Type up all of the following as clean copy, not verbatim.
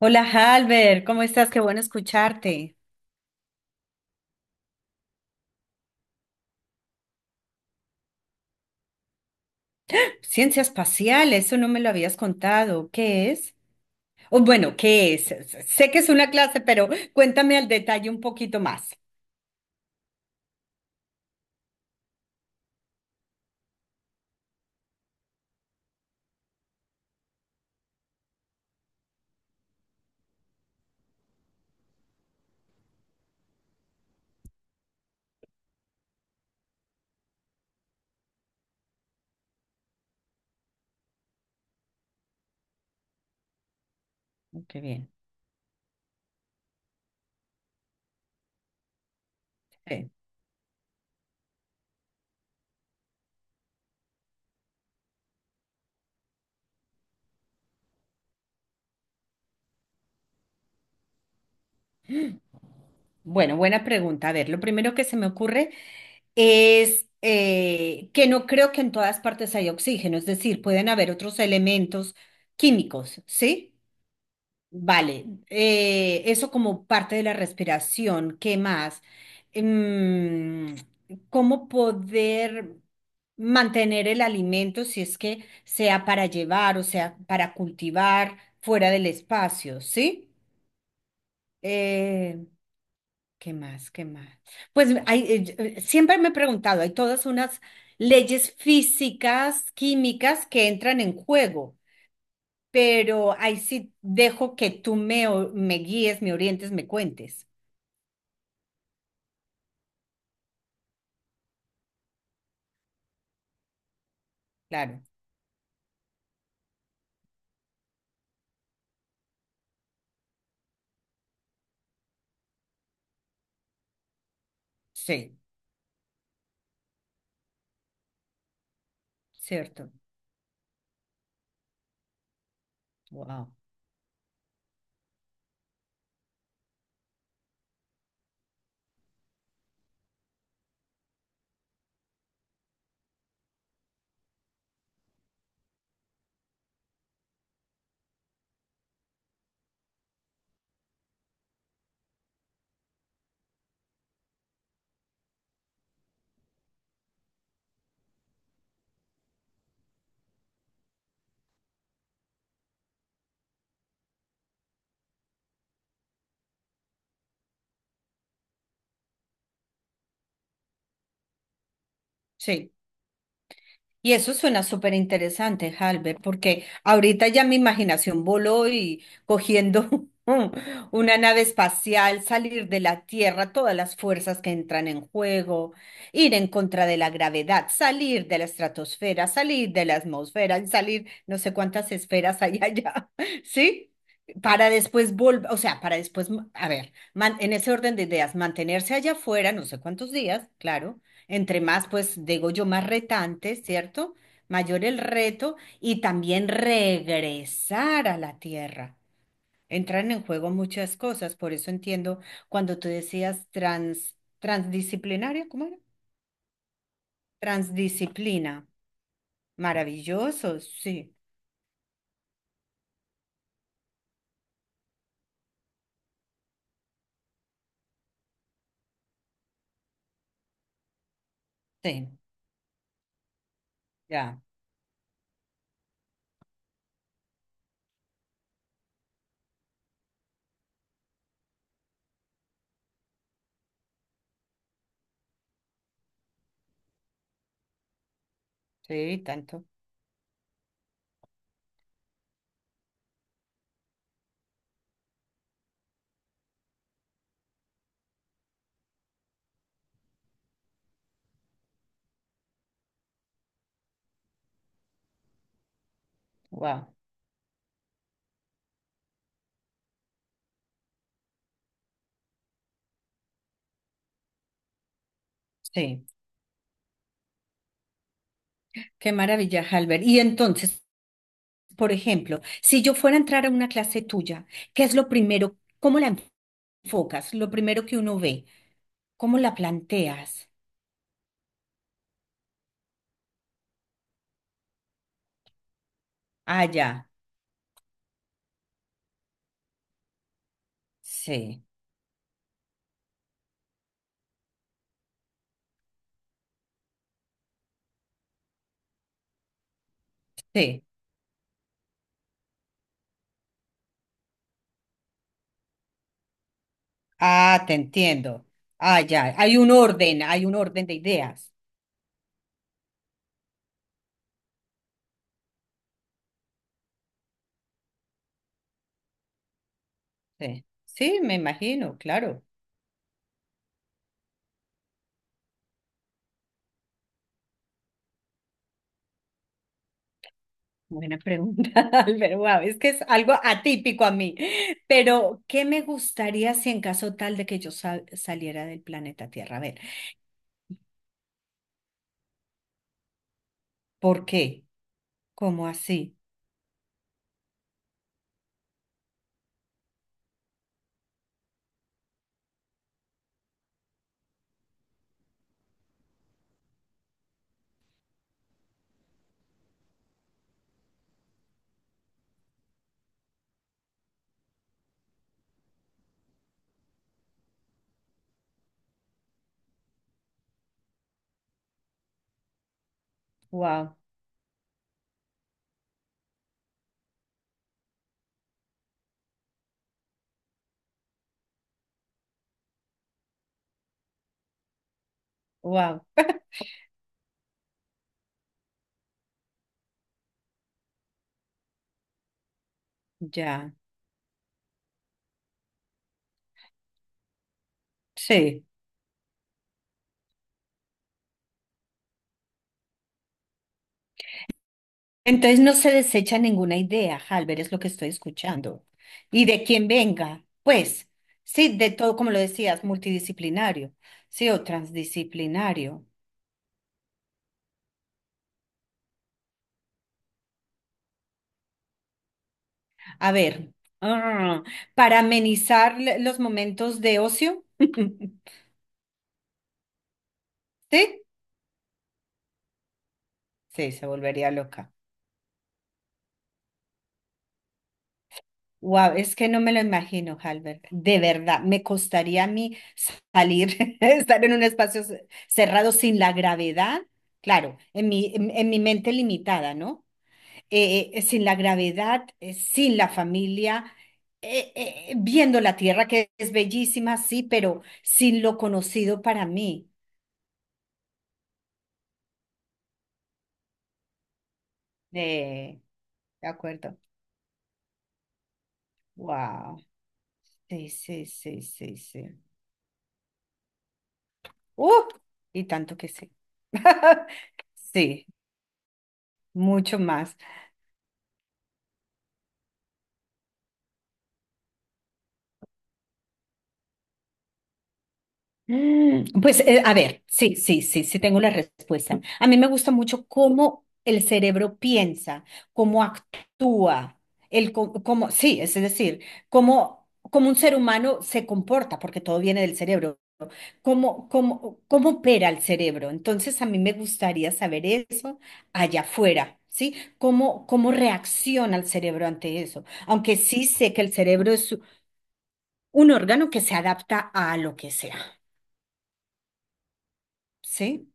Hola, Halber, ¿cómo estás? Qué bueno escucharte. Ciencia espacial, eso no me lo habías contado. ¿Qué es? O bueno, ¿qué es? Sé que es una clase, pero cuéntame al detalle un poquito más. Qué bien. Eh, Bueno, buena pregunta. A ver, lo primero que se me ocurre es que no creo que en todas partes haya oxígeno, es decir, pueden haber otros elementos químicos, ¿sí? Vale, eso como parte de la respiración. ¿Qué más? Em, ¿Cómo poder mantener el alimento si es que sea para llevar o sea para cultivar fuera del espacio? ¿Sí? Eh, ¿Qué más? ¿Qué más? Pues hay, siempre me he preguntado, hay todas unas leyes físicas, químicas que entran en juego pero ahí sí dejo que tú me, me guíes, me orientes, me cuentes. Claro, sí, cierto. Wow. Sí. Y eso suena súper interesante, Halber, porque ahorita ya mi imaginación voló y cogiendo una nave espacial, salir de la Tierra, todas las fuerzas que entran en juego, ir en contra de la gravedad, salir de la estratosfera, salir de la atmósfera, y salir no sé cuántas esferas hay allá, ¿sí? Para después volver, o sea, para después, a ver, en ese orden de ideas, mantenerse allá afuera, no sé cuántos días, claro entre más, pues digo yo, más retante, ¿cierto? Mayor el reto y también regresar a la tierra. Entran en juego muchas cosas, por eso entiendo cuando tú decías transdisciplinaria, ¿cómo era? Transdisciplina. Maravilloso, sí, sí, ya, sí, tanto. Wow, sí, qué maravilla, Halber. Y entonces, por ejemplo, si yo fuera a entrar a una clase tuya, ¿qué es lo primero? ¿Cómo la enfocas? Lo primero que uno ve, ¿cómo la planteas? Ah, ya, sí, sí. Ah, te entiendo. Ah, ya, hay un orden de ideas. Sí, sí, me imagino, claro. Buena pregunta, Álvaro. Wow, es que es algo atípico a mí. Pero, ¿qué me gustaría si en caso tal de que yo saliera del planeta Tierra? A ver, ¿por qué? ¿Cómo así? Wow. Wow, ya, sí. Entonces no se desecha ninguna idea, Halber, es lo que estoy escuchando. Y de quien venga, pues, sí, de todo, como lo decías, multidisciplinario, sí, o transdisciplinario. A ver, ah, para amenizar los momentos de ocio, ¿sí? Sí, se volvería loca. Wow, es que no me lo imagino, Halbert. De verdad, me costaría a mí salir, estar en un espacio cerrado sin la gravedad, claro, en mi mente limitada, ¿no? Sin la gravedad, sin la familia, viendo la tierra que es bellísima, sí, pero sin lo conocido para mí. De, de acuerdo. Wow. Sí, sí, sí, sí, sí. ¡Uh! Y tanto que sí. Sí. Mucho más. Pues a ver, sí, sí, sí, sí tengo la respuesta. A mí me gusta mucho cómo el cerebro piensa, cómo actúa, el cómo, sí, es decir, cómo, cómo un ser humano se comporta, porque todo viene del cerebro, cómo, cómo, cómo opera el cerebro. Entonces a mí me gustaría saber eso allá afuera. ¿Sí? ¿Cómo, cómo reacciona el cerebro ante eso? Aunque sí sé que el cerebro es un órgano que se adapta a lo que sea. Sí,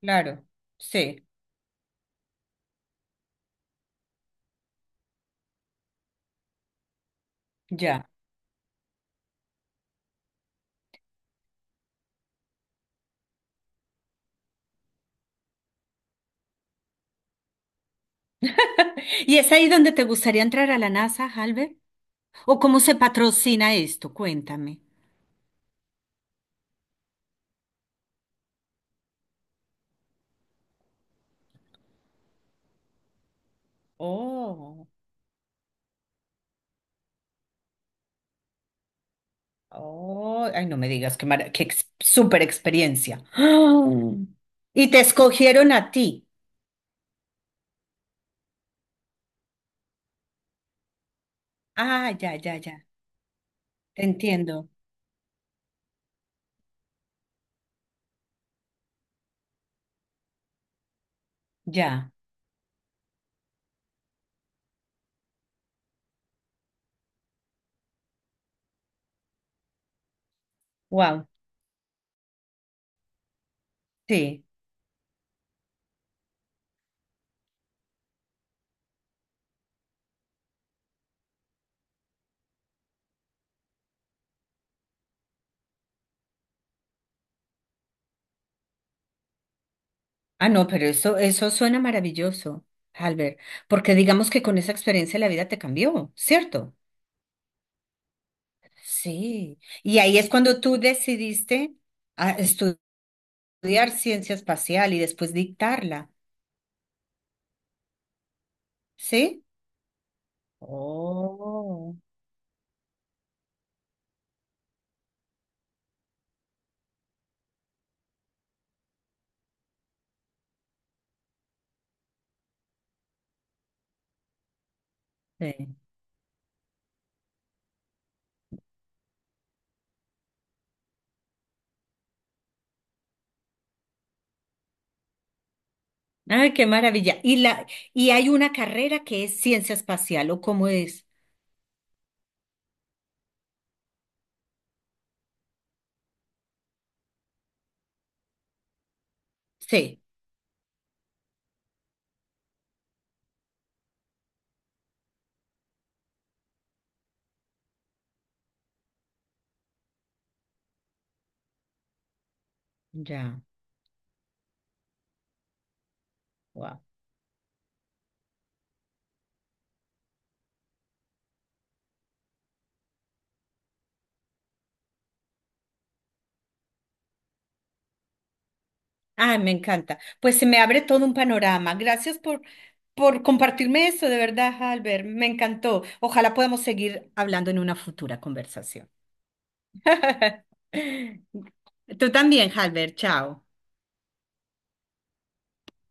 claro, sí, ya. ¿Y es ahí donde te gustaría entrar a la NASA, Albert? ¿O cómo se patrocina esto? Cuéntame. Oh, oh, ay, no me digas qué, mara- qué ex- súper experiencia. ¡Ah! Y te escogieron a ti. Ah, ya, ya, ya. Te entiendo. Ya. Wow. Sí. Ah, no, pero eso suena maravilloso, Albert, porque digamos que con esa experiencia la vida te cambió, ¿cierto? Sí, y ahí es cuando tú decidiste a estudiar ciencia espacial y después dictarla, ¿sí? Oh. Sí. Ay, qué maravilla. Y la, y hay una carrera que es ciencia espacial, ¿o cómo es? Sí, ya, wow. Ay, me encanta. Pues se me abre todo un panorama. Gracias por compartirme eso, de verdad, Albert. Me encantó. Ojalá podamos seguir hablando en una futura conversación. Tú también, Halber, chao.